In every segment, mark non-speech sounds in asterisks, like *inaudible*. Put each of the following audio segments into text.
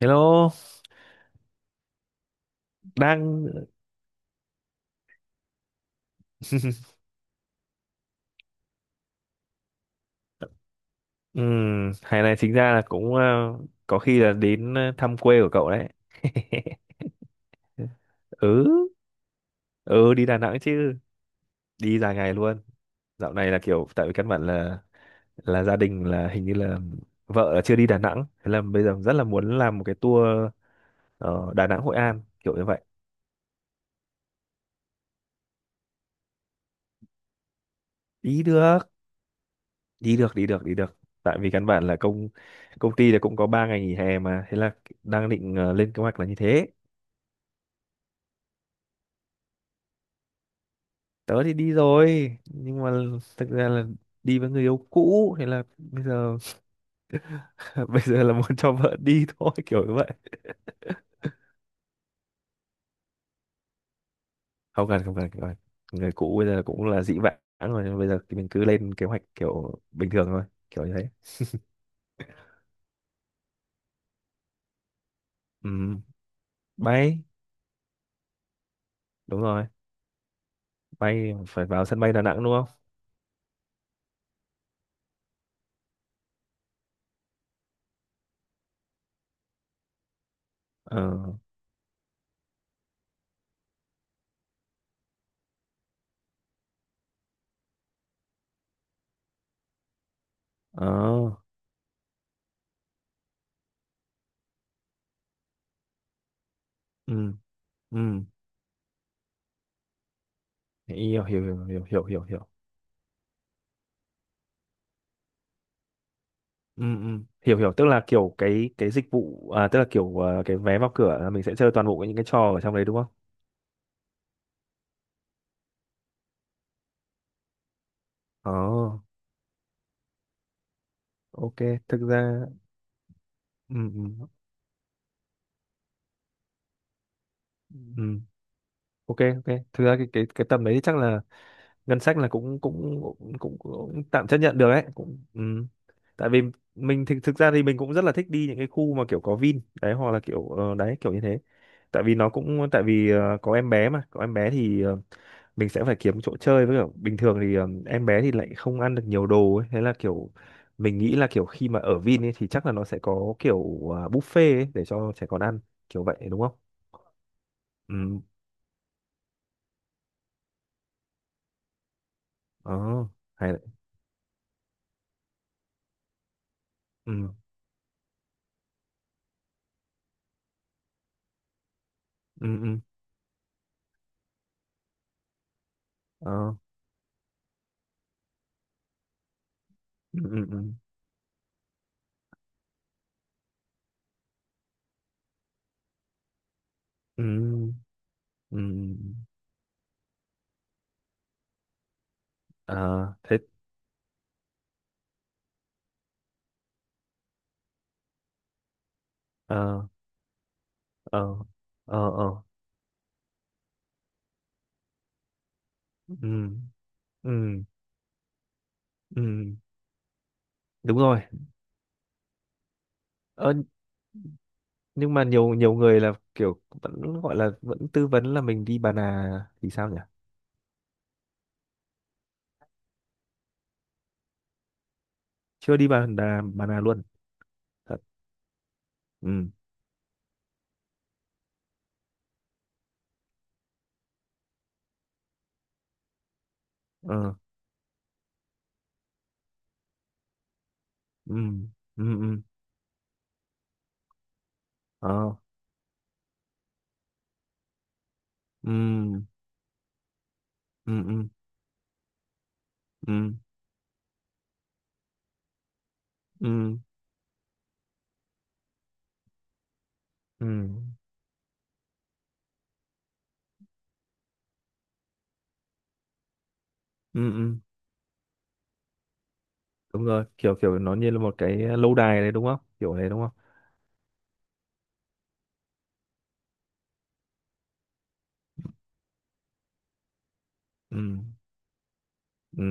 Hello, đang *laughs* ừ, hè này chính ra là cũng có khi là đến thăm quê của cậu đấy. *laughs* Ừ, ừ đi Đà Nẵng chứ, đi dài ngày luôn. Dạo này là kiểu tại vì căn bản là gia đình là hình như là vợ là chưa đi Đà Nẵng, thế là bây giờ rất là muốn làm một cái tour Đà Nẵng Hội An kiểu như vậy. Đi được, đi được, đi được, đi được. Tại vì căn bản là công công ty là cũng có 3 ngày nghỉ hè mà, thế là đang định lên kế hoạch là như thế. Tớ thì đi rồi nhưng mà thực ra là đi với người yêu cũ thế là bây giờ *laughs* bây giờ là muốn cho vợ đi thôi kiểu như vậy. Không cần, không cần, không cần. Người cũ bây giờ cũng là dĩ vãng rồi nhưng bây giờ thì mình cứ lên kế hoạch kiểu bình thường thôi kiểu như thế. Ừ. Bay. Đúng rồi, bay phải vào sân bay Đà Nẵng đúng không? Ờ. Ờ. Ừ. Ừ. Hiểu, hiểu, hiểu, hiểu, hiểu, hiểu, hiểu. Ừ. Ừ. Hiểu, hiểu, tức là kiểu cái dịch vụ à, tức là kiểu à, cái vé vào cửa là mình sẽ chơi toàn bộ những cái trò ở trong đấy đúng không? Ờ, ok, thực ra ừ, ừ, ừ, ok, ok, thực ra cái tầm đấy chắc là ngân sách là cũng cũng cũng tạm chấp nhận được đấy, cũng ừ. Tại vì mình thực thực ra thì mình cũng rất là thích đi những cái khu mà kiểu có Vin đấy hoặc là kiểu đấy kiểu như thế. Tại vì nó cũng tại vì có em bé mà, có em bé thì mình sẽ phải kiếm chỗ chơi với kiểu bình thường thì em bé thì lại không ăn được nhiều đồ ấy thế là kiểu mình nghĩ là kiểu khi mà ở Vin ấy thì chắc là nó sẽ có kiểu à, buffet ấy để cho trẻ con ăn kiểu vậy đúng không? Ừ. Ờ. Hay đấy. Ừ. Ừ. Ừ. Ờ. Ừ. Ừ. Ừ. Ừ. Ừ. Ờ thế. Ờ. Ờ. Ờ. Ờ. Ừ. Ừ. Ừ. Đúng rồi. Ờ, nhưng mà nhiều nhiều người là kiểu vẫn gọi là vẫn tư vấn là mình đi Bà Nà thì sao nhỉ? Chưa đi bà đà bà nào luôn. Thật. Ừ. Ờ. Ừ. Ừ. Ừ. Ờ. Ừ. Ừ. Ừ. Ừ. Ừ. Ừ. Ừ. Ừ. Đúng rồi, kiểu kiểu nó như là một cái lâu đài đấy đúng không, kiểu đấy đúng không? Ừ. Ừ.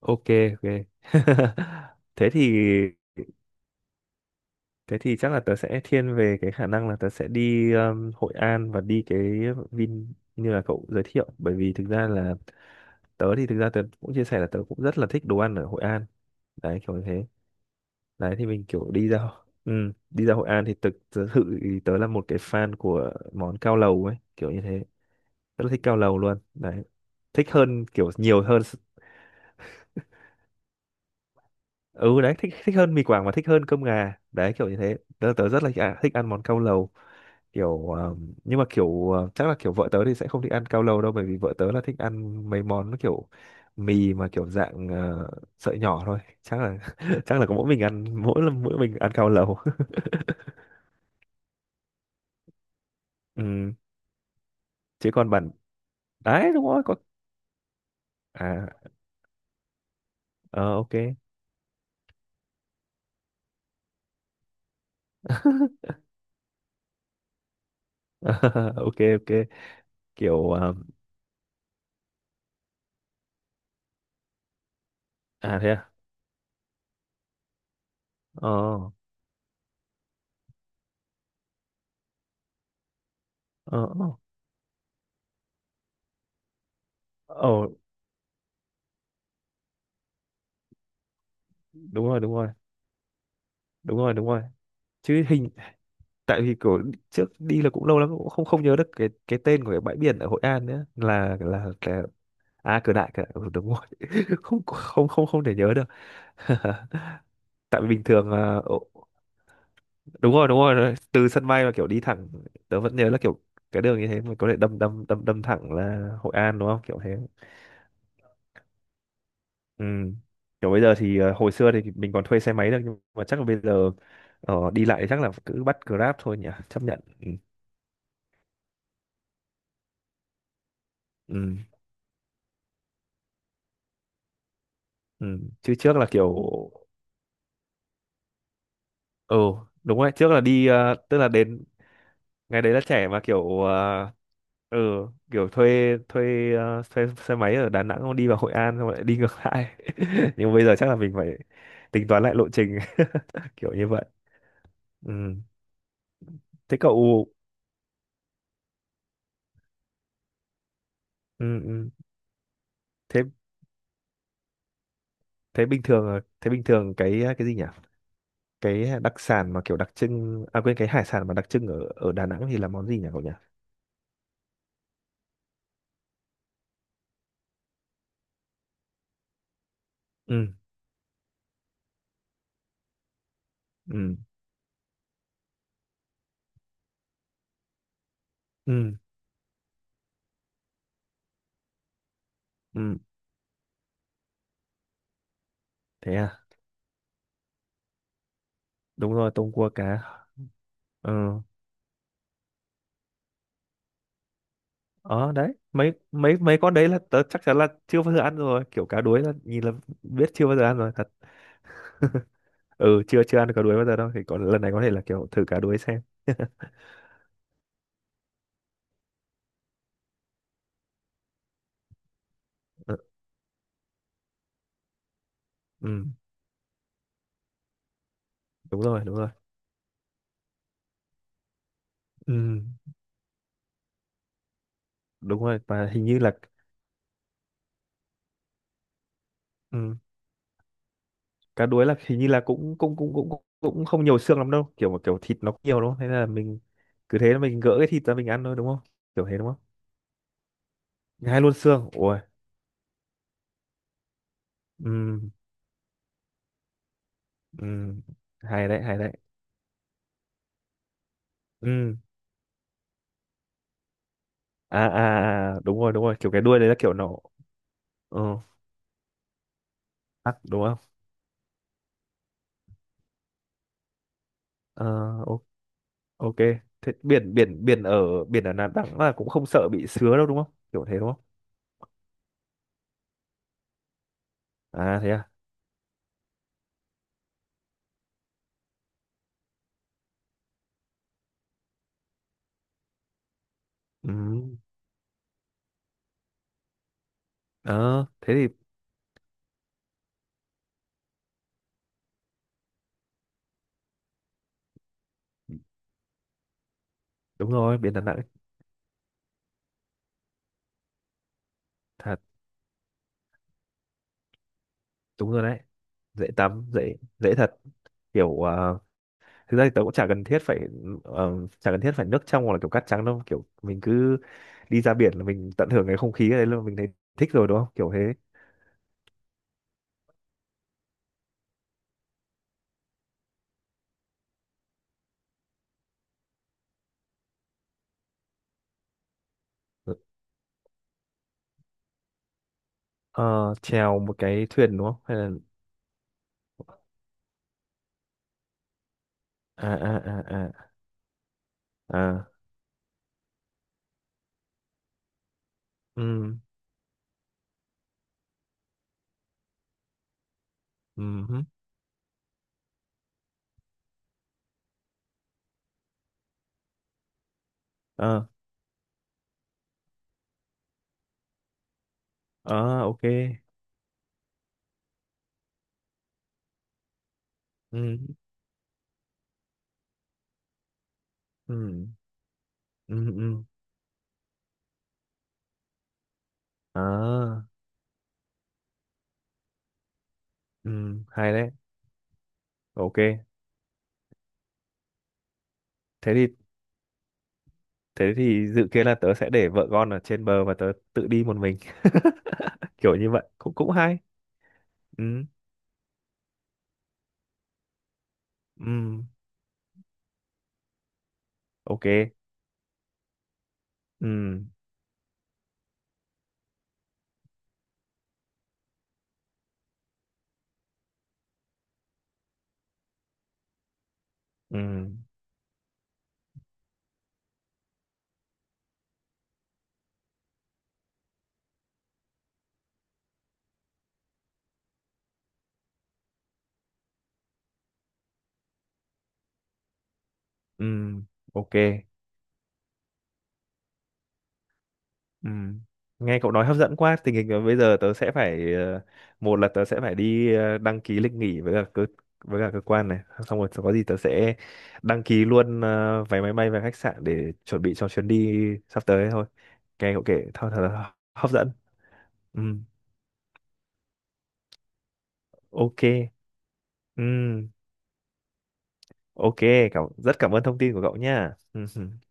Ok, ok. *laughs* Thế thì thế thì chắc là tớ sẽ thiên về cái khả năng là tớ sẽ đi Hội An và đi cái Vin như là cậu giới thiệu bởi vì thực ra là tớ thì thực ra tớ cũng chia sẻ là tớ cũng rất là thích đồ ăn ở Hội An đấy kiểu như thế. Đấy thì mình kiểu đi ra ừ, đi ra Hội An thì thực thực sự thì tớ là một cái fan của món cao lầu ấy kiểu như thế, rất là thích cao lầu luôn đấy, thích hơn kiểu nhiều hơn. Ừ đấy, thích thích hơn mì Quảng và thích hơn cơm gà đấy kiểu như thế, tớ, tớ rất là à, thích ăn món cao lầu kiểu nhưng mà kiểu chắc là kiểu vợ tớ thì sẽ không thích ăn cao lầu đâu bởi vì vợ tớ là thích ăn mấy món nó kiểu mì mà kiểu dạng sợi nhỏ thôi chắc là *laughs* chắc là có mỗi mình ăn, mỗi lần mỗi mình ăn cao lầu. *laughs* Ừ. Chứ còn bản đấy đúng rồi có à. Ờ, ok. *laughs* Ok, ok kiểu à thế à. Ờ. Ờ. Ờ. Ờ, đúng rồi, đúng rồi, đúng rồi, đúng rồi chứ hình tại vì kiểu trước đi là cũng lâu lắm cũng không không nhớ được cái tên của cái bãi biển ở Hội An nữa là à Cửa Đại, Cửa Đại. Ừ, đúng rồi. *laughs* Không, không, không, không thể nhớ được. *laughs* Tại vì bình thường đúng rồi, đúng rồi, đúng rồi. Từ sân bay mà kiểu đi thẳng, tớ vẫn nhớ là kiểu cái đường như thế mà có thể đâm đâm đâm đâm thẳng là Hội An đúng không kiểu thế. Ừ. Kiểu bây giờ thì hồi xưa thì mình còn thuê xe máy được nhưng mà chắc là bây giờ đi lại chắc là cứ bắt Grab thôi nhỉ, chấp nhận. Ừ. Ừ. Ừ. Chứ trước là kiểu ừ đúng rồi, trước là đi tức là đến ngày đấy là trẻ mà kiểu ừ kiểu thuê thuê thuê xe máy ở Đà Nẵng xong đi vào Hội An xong lại đi ngược lại. *laughs* Nhưng bây giờ chắc là mình phải tính toán lại lộ trình. *laughs* Kiểu như vậy. Ừ. Thế cậu ừ, ừ. Thế thế bình thường thế bình thường cái gì nhỉ? Cái đặc sản mà kiểu đặc trưng à quên cái hải sản mà đặc trưng ở ở Đà Nẵng thì là món gì nhỉ cậu nhỉ? Ừ. Ừ. Ừ. Ừ. Thế à. Đúng rồi tôm cua cá. Ừ. Ờ đấy, mấy mấy mấy con đấy là tớ chắc chắn là chưa bao giờ ăn rồi kiểu cá đuối là nhìn là biết chưa bao giờ ăn rồi thật. Ừ, chưa chưa ăn cá đuối bao giờ đâu thì có lần này có thể là kiểu thử cá đuối xem. *laughs* Ừ, ừ đúng rồi, đúng rồi. Ừ đúng rồi và hình như là ừ cá đuối là hình như là cũng cũng cũng cũng cũng cũng không nhiều xương lắm đâu kiểu mà kiểu thịt nó cũng nhiều đúng không, thế là mình cứ thế là mình gỡ cái thịt ra mình ăn thôi đúng không, kiểu thế đúng không? Hai luôn xương ôi. Ừ. Ừ. Hay đấy, hay đấy. Ừ. À, à à, à, đúng rồi, đúng rồi kiểu cái đuôi đấy là kiểu nó ờ tắc đúng không? Ờ. Ô. Ok. Thế biển biển biển ở Đà Nẵng là cũng không sợ bị sứa đâu đúng không kiểu thế đúng không? À thế à. Ừ. Ờ thế thì đúng rồi biển Đà Nẵng thật. Đúng rồi đấy, dễ tắm dễ dễ thật kiểu thực ra thì tớ cũng chả cần thiết phải ờ, chả cần thiết phải nước trong hoặc là kiểu cát trắng đâu kiểu mình cứ đi ra biển là mình tận hưởng cái không khí ở đấy luôn mình thấy thích rồi đúng không kiểu thế. Ờ, chèo một cái thuyền đúng không hay là à à à à? À. Ừ. Ừ. Hứ. Ờ. Ờ. Ok. Ừ. Ừ. Ừ. Ừ. À. Ừ. Hay đấy. Ok. Thế thì thế thì dự kiến là tớ sẽ để vợ con ở trên bờ và tớ tự đi một mình. *laughs* Kiểu như vậy cũng cũng hay. Ừ. Ừ. Ok. Ừ. Ừ. Ừ. Ok. Ừ. Nghe cậu nói hấp dẫn quá, tình hình là bây giờ tớ sẽ phải một là tớ sẽ phải đi đăng ký lịch nghỉ với cả cơ quan này, xong rồi có gì tớ sẽ đăng ký luôn vé máy bay và khách sạn để chuẩn bị cho chuyến đi sắp tới thôi. Nghe cậu kể thật thật là hấp dẫn. Ừ. Ok. Ừ. Ok. Cảm rất cảm ơn thông tin của cậu nha. Ừ. Ừ.